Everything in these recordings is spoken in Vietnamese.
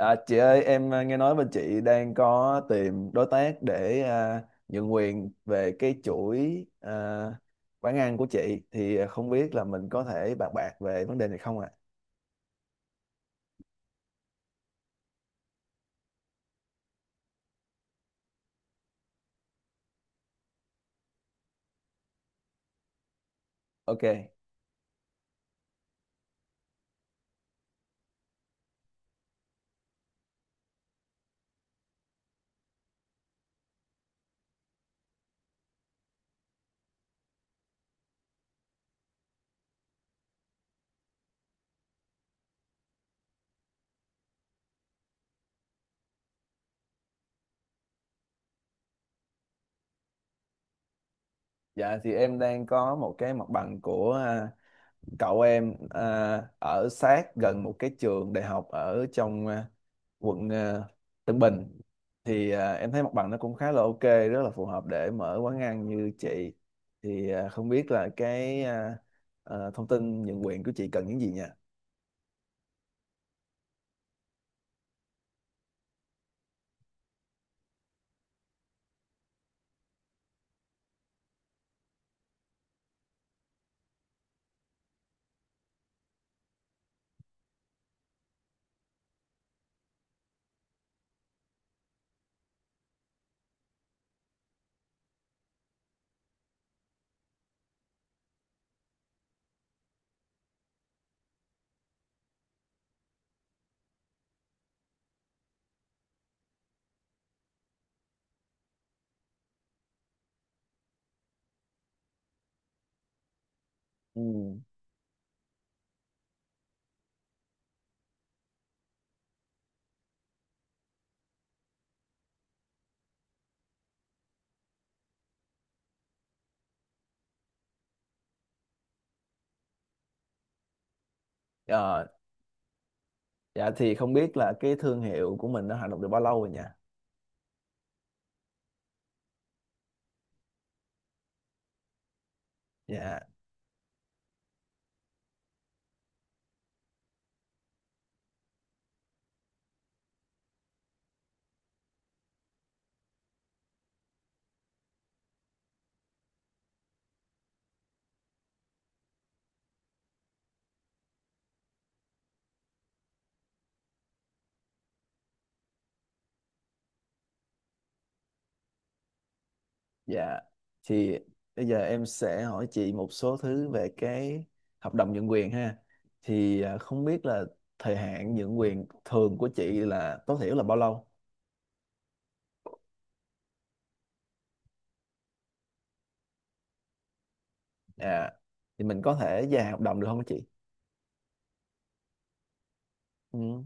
Chị ơi, nghe nói bên chị đang có tìm đối tác để nhượng quyền về cái chuỗi quán ăn của chị thì không biết là mình có thể bàn bạc về vấn đề này không ạ? Ok, dạ thì em đang có một cái mặt bằng của cậu em ở sát gần một cái trường đại học ở trong quận Tân Bình thì em thấy mặt bằng nó cũng khá là ok, rất là phù hợp để mở quán ăn như chị, thì không biết là thông tin nhượng quyền của chị cần những gì nha. Ừ. Ờ, dạ thì không biết là cái thương hiệu của mình nó hoạt động được bao lâu rồi nha. Dạ. Dạ thì bây giờ em sẽ hỏi chị một số thứ về cái hợp đồng nhượng quyền ha, thì không biết là thời hạn nhượng quyền thường của chị là tối thiểu là bao lâu. Dạ thì mình có thể dài hợp đồng được không chị? Ừ.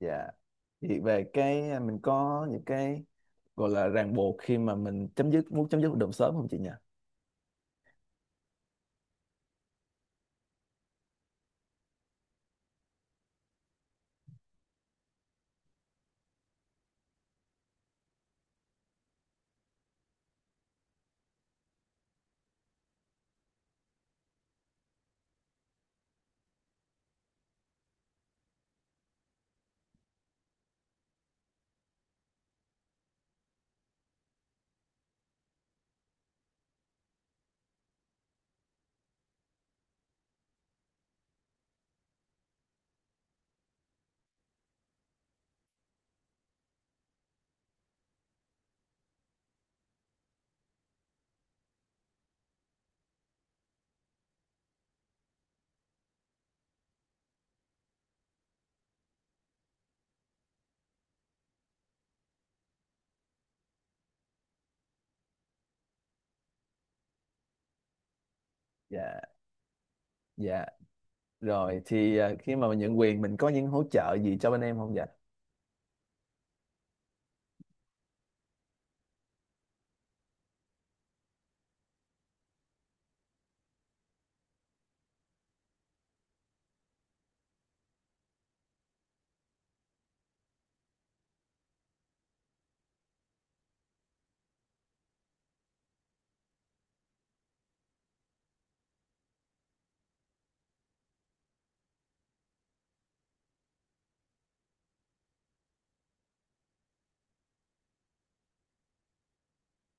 Dạ. Thì về cái mình có những cái gọi là ràng buộc khi mà mình chấm dứt muốn chấm dứt hợp đồng sớm không chị nhỉ? Dạ. Dạ. Rồi thì khi mà mình nhận quyền mình có những hỗ trợ gì cho bên em không dạ?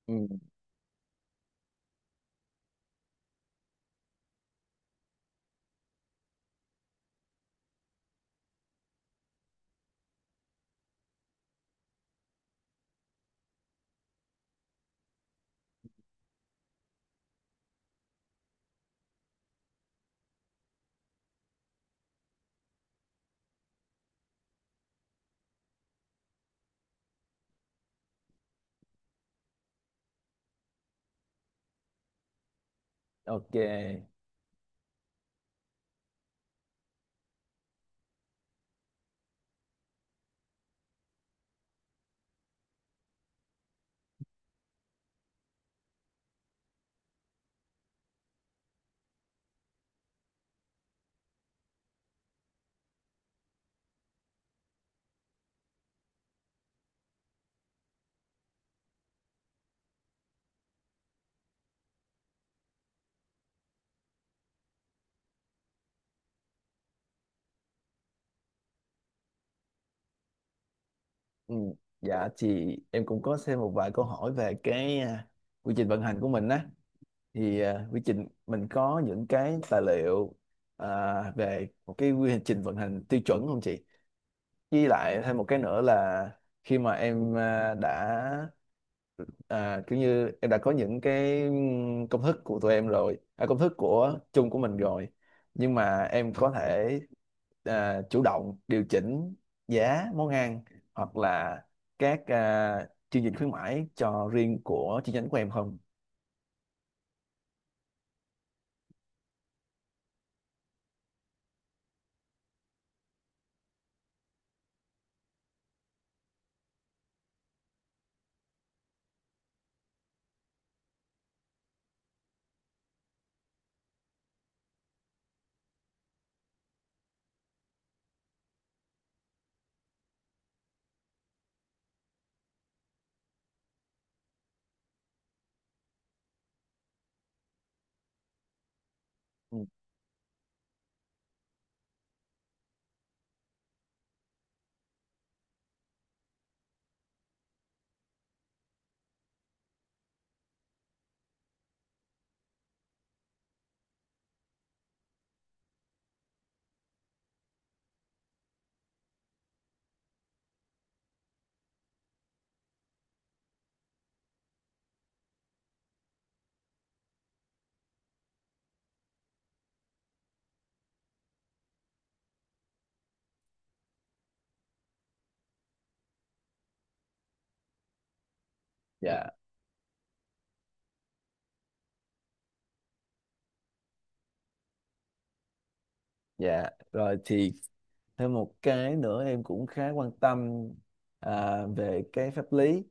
Ừ. Ok. Ừ. Dạ chị, em cũng có xem một vài câu hỏi về cái quy trình vận hành của mình á. Thì quy trình mình có những cái tài liệu à, về một cái quy trình vận hành tiêu chuẩn không chị? Với lại thêm một cái nữa là khi mà em đã kiểu như em đã có những cái công thức của tụi em rồi, công thức của chung của mình rồi, nhưng mà em có thể chủ động điều chỉnh giá món ăn hoặc là các chương trình khuyến mãi cho riêng của chi nhánh của em không? Ừ. Dạ. Dạ rồi thì thêm một cái nữa em cũng khá quan tâm về cái pháp lý,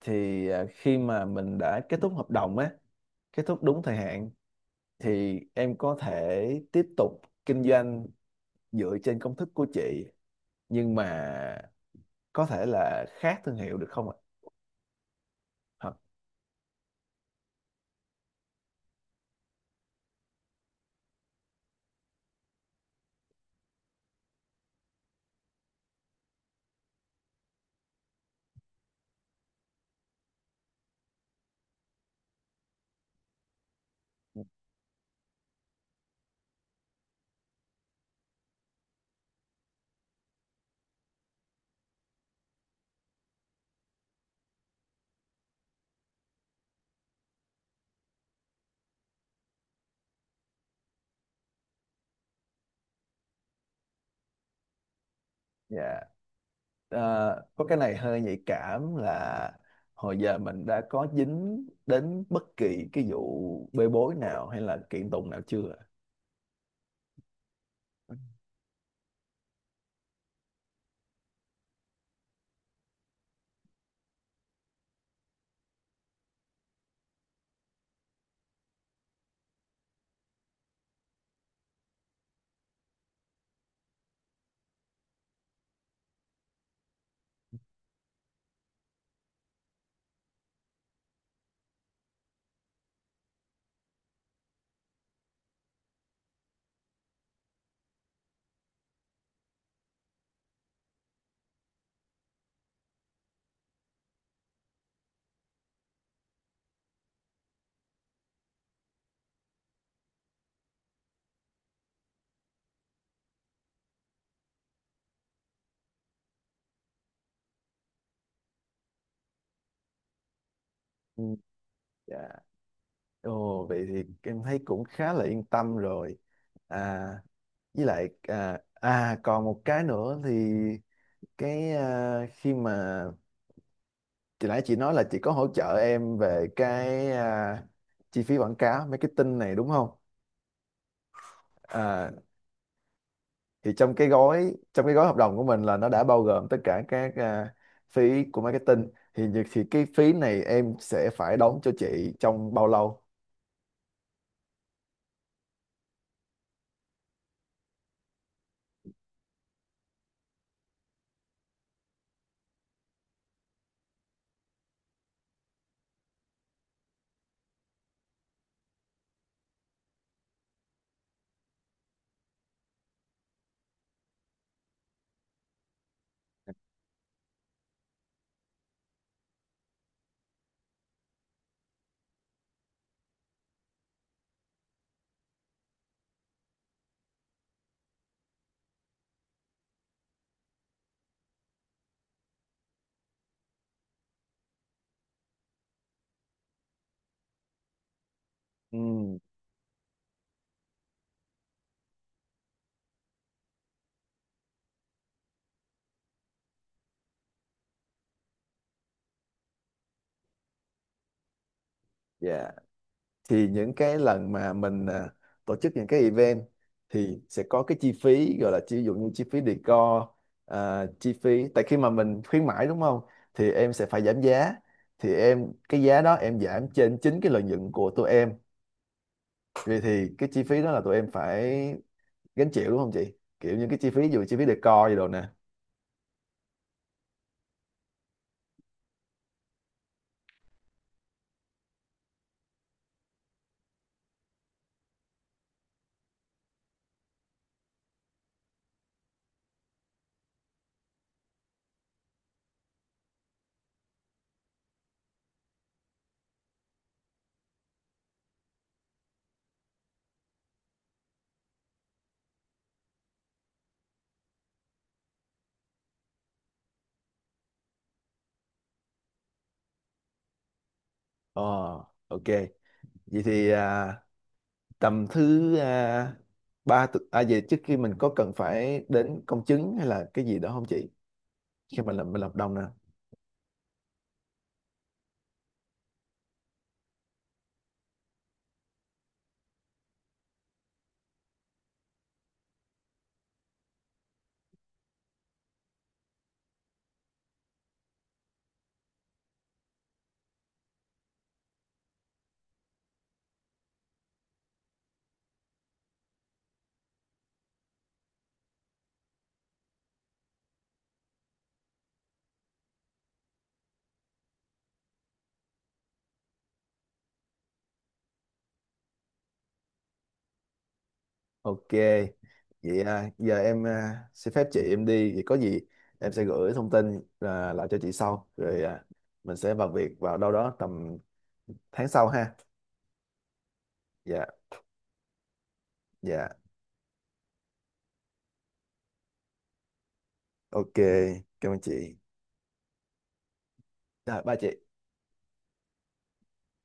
thì khi mà mình đã kết thúc hợp đồng á, kết thúc đúng thời hạn, thì em có thể tiếp tục kinh doanh dựa trên công thức của chị nhưng mà có thể là khác thương hiệu được không ạ? Hả? Dạ. Ờ, có cái này hơi nhạy cảm là hồi giờ mình đã có dính đến bất kỳ cái vụ bê bối nào hay là kiện tụng nào chưa ạ? Ừ. Dạ. Ồ, vậy thì em thấy cũng khá là yên tâm rồi. À, với lại còn một cái nữa thì cái khi mà chị nói là chị có hỗ trợ em về cái chi phí quảng cáo marketing này đúng không? à, thì trong cái gói hợp đồng của mình là nó đã bao gồm tất cả các phí của marketing thì cái phí này em sẽ phải đóng cho chị trong bao lâu? Ừ. Dạ thì những cái lần mà mình tổ chức những cái event thì sẽ có cái chi phí gọi là ví dụ như chi phí decor, chi phí tại khi mà mình khuyến mãi đúng không? Thì em sẽ phải giảm giá, thì em cái giá đó em giảm trên chính cái lợi nhuận của tụi em, vì thì cái chi phí đó là tụi em phải gánh chịu đúng không chị, kiểu những cái chi phí ví dụ chi phí decor gì đồ nè. Ờ, ok. Vậy thì tầm thứ à, ba tu- à vậy trước khi mình có cần phải đến công chứng hay là cái gì đó không chị, khi mà làm bên hợp đồng nè? Ok, vậy giờ em xin phép chị em đi, vậy có gì em sẽ gửi thông tin lại cho chị sau, rồi mình sẽ vào việc vào đâu đó tầm tháng sau ha. Dạ. Dạ. Ok, cảm ơn chị. Rồi ba chị.